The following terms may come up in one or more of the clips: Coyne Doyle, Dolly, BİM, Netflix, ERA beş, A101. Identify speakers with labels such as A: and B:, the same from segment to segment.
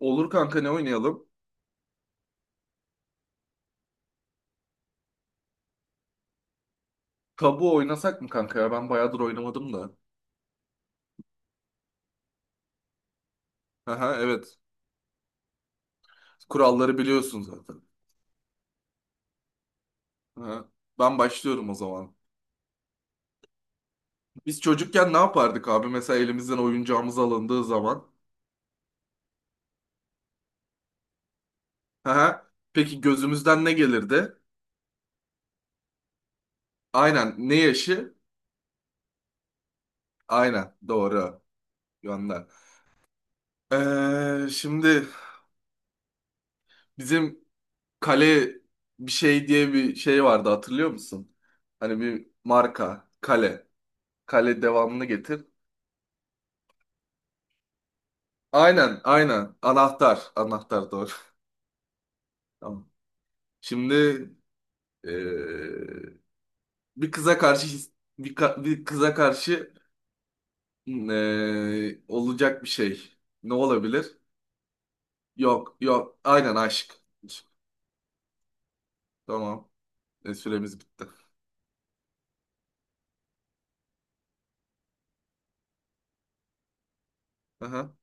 A: Olur kanka, ne oynayalım? Tabu oynasak mı kanka ya? Ben bayağıdır oynamadım da. Aha, evet. Kuralları biliyorsun zaten. Aha. Ben başlıyorum o zaman. Biz çocukken ne yapardık abi? Mesela elimizden oyuncağımız alındığı zaman. Aha. Peki gözümüzden ne gelirdi? Aynen. Ne yaşı? Aynen. Doğru. Gönder. Şimdi bizim kale bir şey diye bir şey vardı, hatırlıyor musun? Hani bir marka. Kale. Kale, devamını getir. Aynen, aynen. Anahtar, anahtar, doğru. Tamam. Şimdi eee, bir kıza karşı bir kıza karşı olacak bir şey. Ne olabilir? Yok, yok. Aynen, aşk. Tamam. E, süremiz bitti. Aha.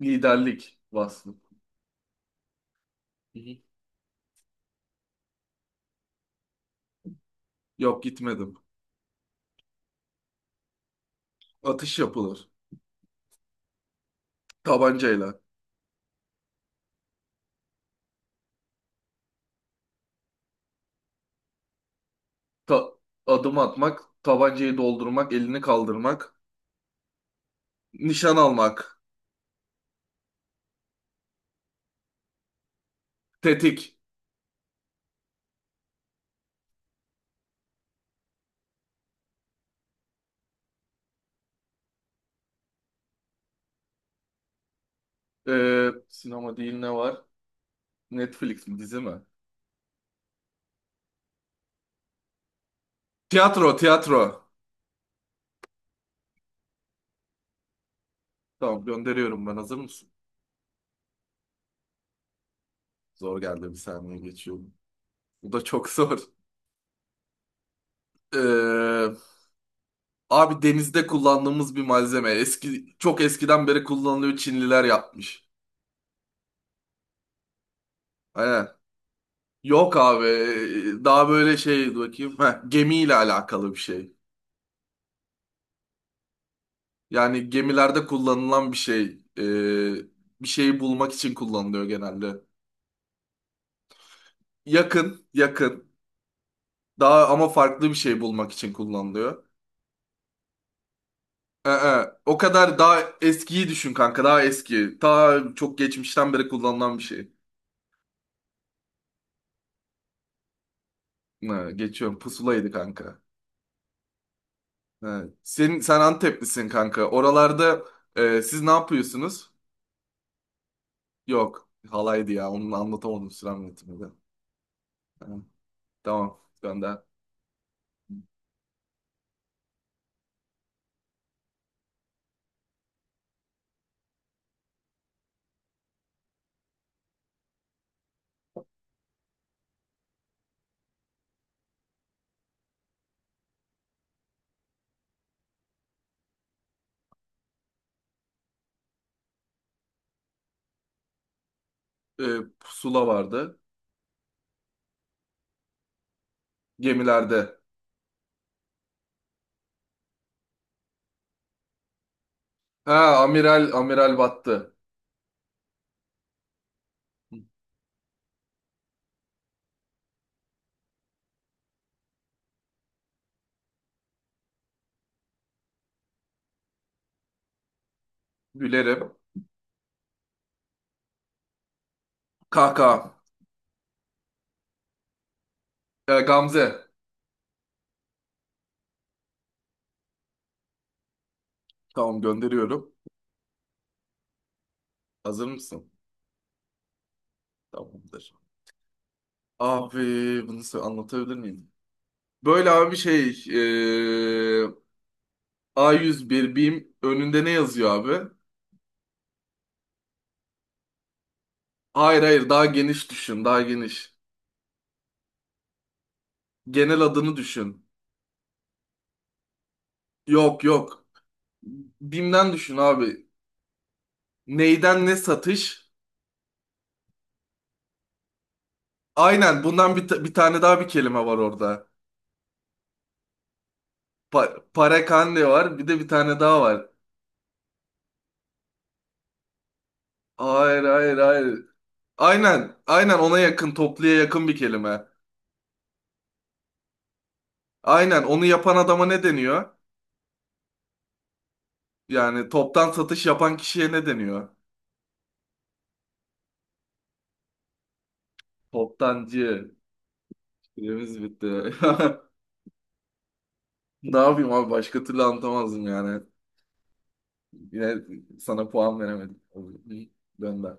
A: Liderlik vasfı. Hı hı. Yok, gitmedim. Atış yapılır. Tabancayla. Ta- Adım atmak, tabancayı doldurmak, elini kaldırmak, nişan almak, tetik. Sinema değil ne var? Netflix mi, dizi mi? Tiyatro, tiyatro. Tamam, gönderiyorum, ben hazır mısın? Zor geldi, bir saniye geçiyorum. Bu da çok zor. Ee, abi denizde kullandığımız bir malzeme. Eski, çok eskiden beri kullanılıyor, Çinliler yapmış. Aynen. Yok abi daha böyle şey, dur bakayım. Heh, gemiyle alakalı bir şey. Yani gemilerde kullanılan bir şey. Ee, bir şeyi bulmak için kullanılıyor genelde. Yakın, yakın. Daha ama farklı bir şey bulmak için kullanılıyor. O kadar daha eskiyi düşün kanka. Daha eski. Ta çok geçmişten beri kullanılan bir şey. Geçiyorum. Pusulaydı kanka. Ee, sen Anteplisin kanka. Oralarda e, siz ne yapıyorsunuz? Yok. Halaydı ya. Onu anlatamadım sürem yönetiminde. Ee, Tamam. Ben de. Ee, pusula vardı. Gemilerde. Ha, amiral, amiral battı. Gülerim. Kaka. Gamze. Tamam, gönderiyorum. Hazır mısın? Tamamdır. Abi bunu anlatabilir miyim? Böyle abi bir şey, ee, A101 BİM önünde ne yazıyor abi? Hayır hayır, daha geniş düşün, daha geniş. Genel adını düşün. Yok, yok. BİM'den düşün abi. Neyden ne satış? Aynen bundan bir, bir tane daha bir kelime var orada. Parakande var, bir de bir tane daha var. Hayır, hayır, hayır. Aynen, aynen, ona yakın, topluya yakın bir kelime. Aynen, onu yapan adama ne deniyor? Yani toptan satış yapan kişiye ne deniyor? Toptancı. Süremiz bitti. Ne yapayım abi, başka türlü anlatamazdım yani. Yine sana puan veremedim. Dön ben.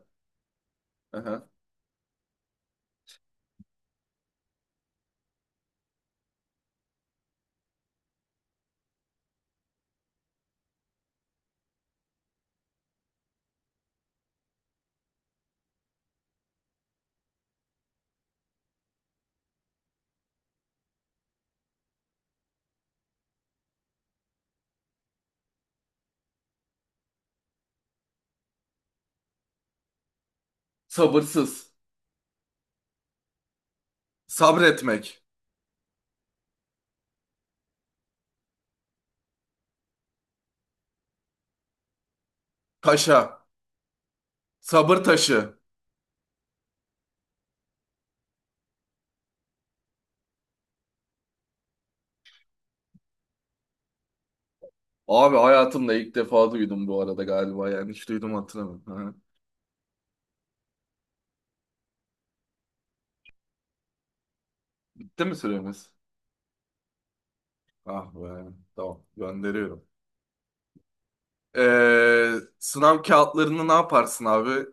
A: Aha. Sabırsız. Sabretmek. Taşa. Sabır taşı. Abi hayatımda ilk defa duydum bu arada galiba, yani hiç duydum hatırlamıyorum. Aha. Bitti mi süremiz? Ah be. Tamam, gönderiyorum. Ee, sınav kağıtlarını ne yaparsın abi?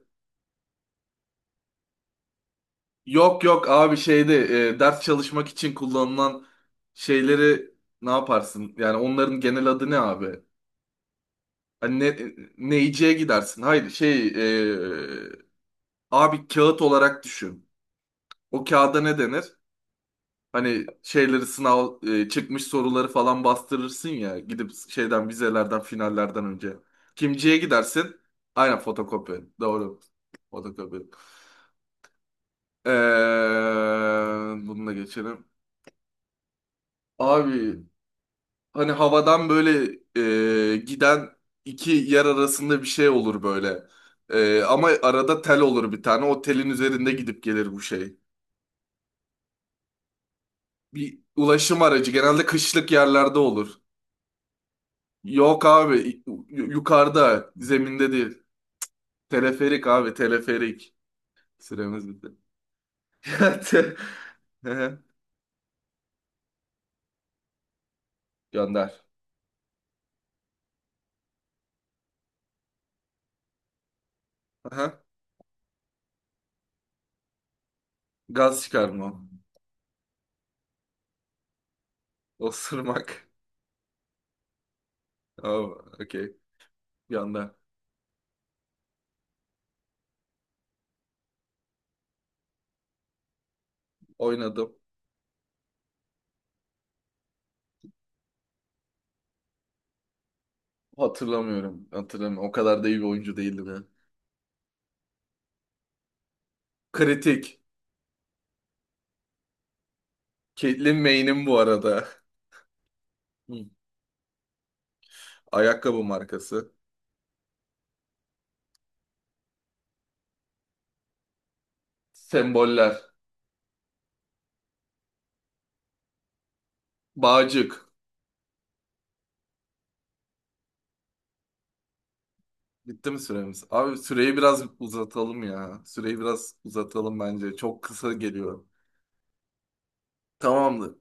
A: Yok yok abi, şeyde e, ders çalışmak için kullanılan şeyleri ne yaparsın? Yani onların genel adı ne abi? Hani ne, neyciye gidersin? Hayır, şey, e, abi kağıt olarak düşün. O kağıda ne denir? Hani şeyleri, sınav e, çıkmış soruları falan bastırırsın ya, gidip şeyden, vizelerden finallerden önce. Kimciye gidersin? Aynen, fotokopi. Doğru. Fotokopi. Ee, bunu da geçelim. Abi hani havadan böyle e, giden iki yer arasında bir şey olur böyle. E, ama arada tel olur bir tane. O telin üzerinde gidip gelir bu şey. Bir ulaşım aracı, genelde kışlık yerlerde olur. Yok abi, yukarıda, zeminde değil. Teleferik abi, teleferik. Süremiz bitti. Hı hı. Gönder. Aha. Gaz çıkarma. Osurmak. Tamam. Okey. Bir anda. Oynadım. Hatırlamıyorum. Hatırlamıyorum. O kadar da iyi bir oyuncu değildim ya. Kritik. Caitlyn May'nin bu arada. Hı. Ayakkabı markası. Semboller. Bağcık. Bitti mi süremiz? Abi süreyi biraz uzatalım ya. Süreyi biraz uzatalım bence. Çok kısa geliyor. Tamamdır.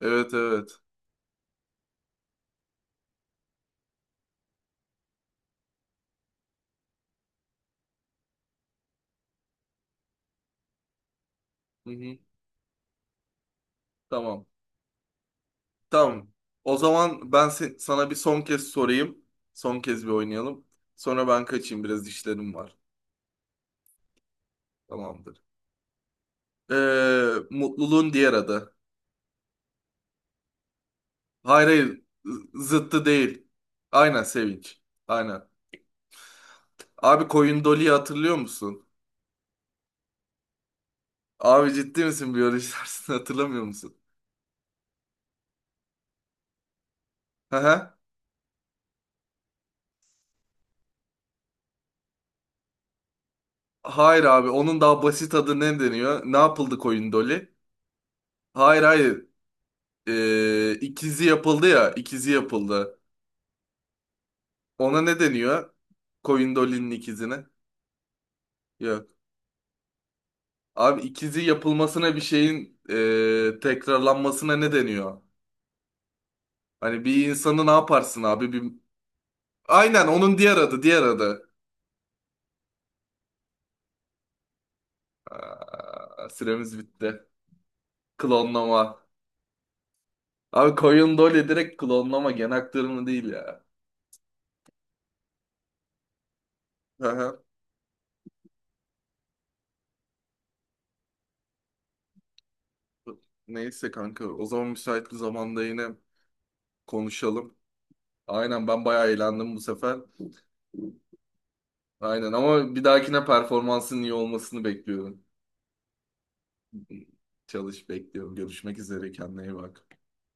A: Evet, evet. Hı hı. Tamam. Tamam. O zaman ben sana bir son kez sorayım. Son kez bir oynayalım. Sonra ben kaçayım. Biraz işlerim var. Tamamdır. Mutluluğun diğer adı. Hayır, hayır. Zıttı değil. Aynen, sevinç. Aynen. Abi koyun Dolly'yi hatırlıyor musun? Abi ciddi misin, biyoloji dersini hatırlamıyor musun? Hı hı. Hayır abi, onun daha basit adı ne deniyor? Ne yapıldı koyun Dolly? Hayır, hayır. İkizi yapıldı ya. İkizi yapıldı. Ona ne deniyor? Koyun Dolly'nin ikizine. Yok. Abi ikizi yapılmasına, bir şeyin tekrarlanmasına ne deniyor? Hani bir insanı ne yaparsın abi? Bir... Aynen, onun diğer adı, diğer adı. Aa, süremiz bitti. Klonlama. Abi Coyne Doyle direkt klonlama, gen aktarımı değil ya. Hı hı. Neyse kanka, o zaman müsait bir zamanda yine konuşalım. Aynen, ben bayağı eğlendim bu sefer. Aynen, ama bir dahakine performansın iyi olmasını bekliyorum. Çalış, bekliyorum. Görüşmek üzere, kendine iyi bak.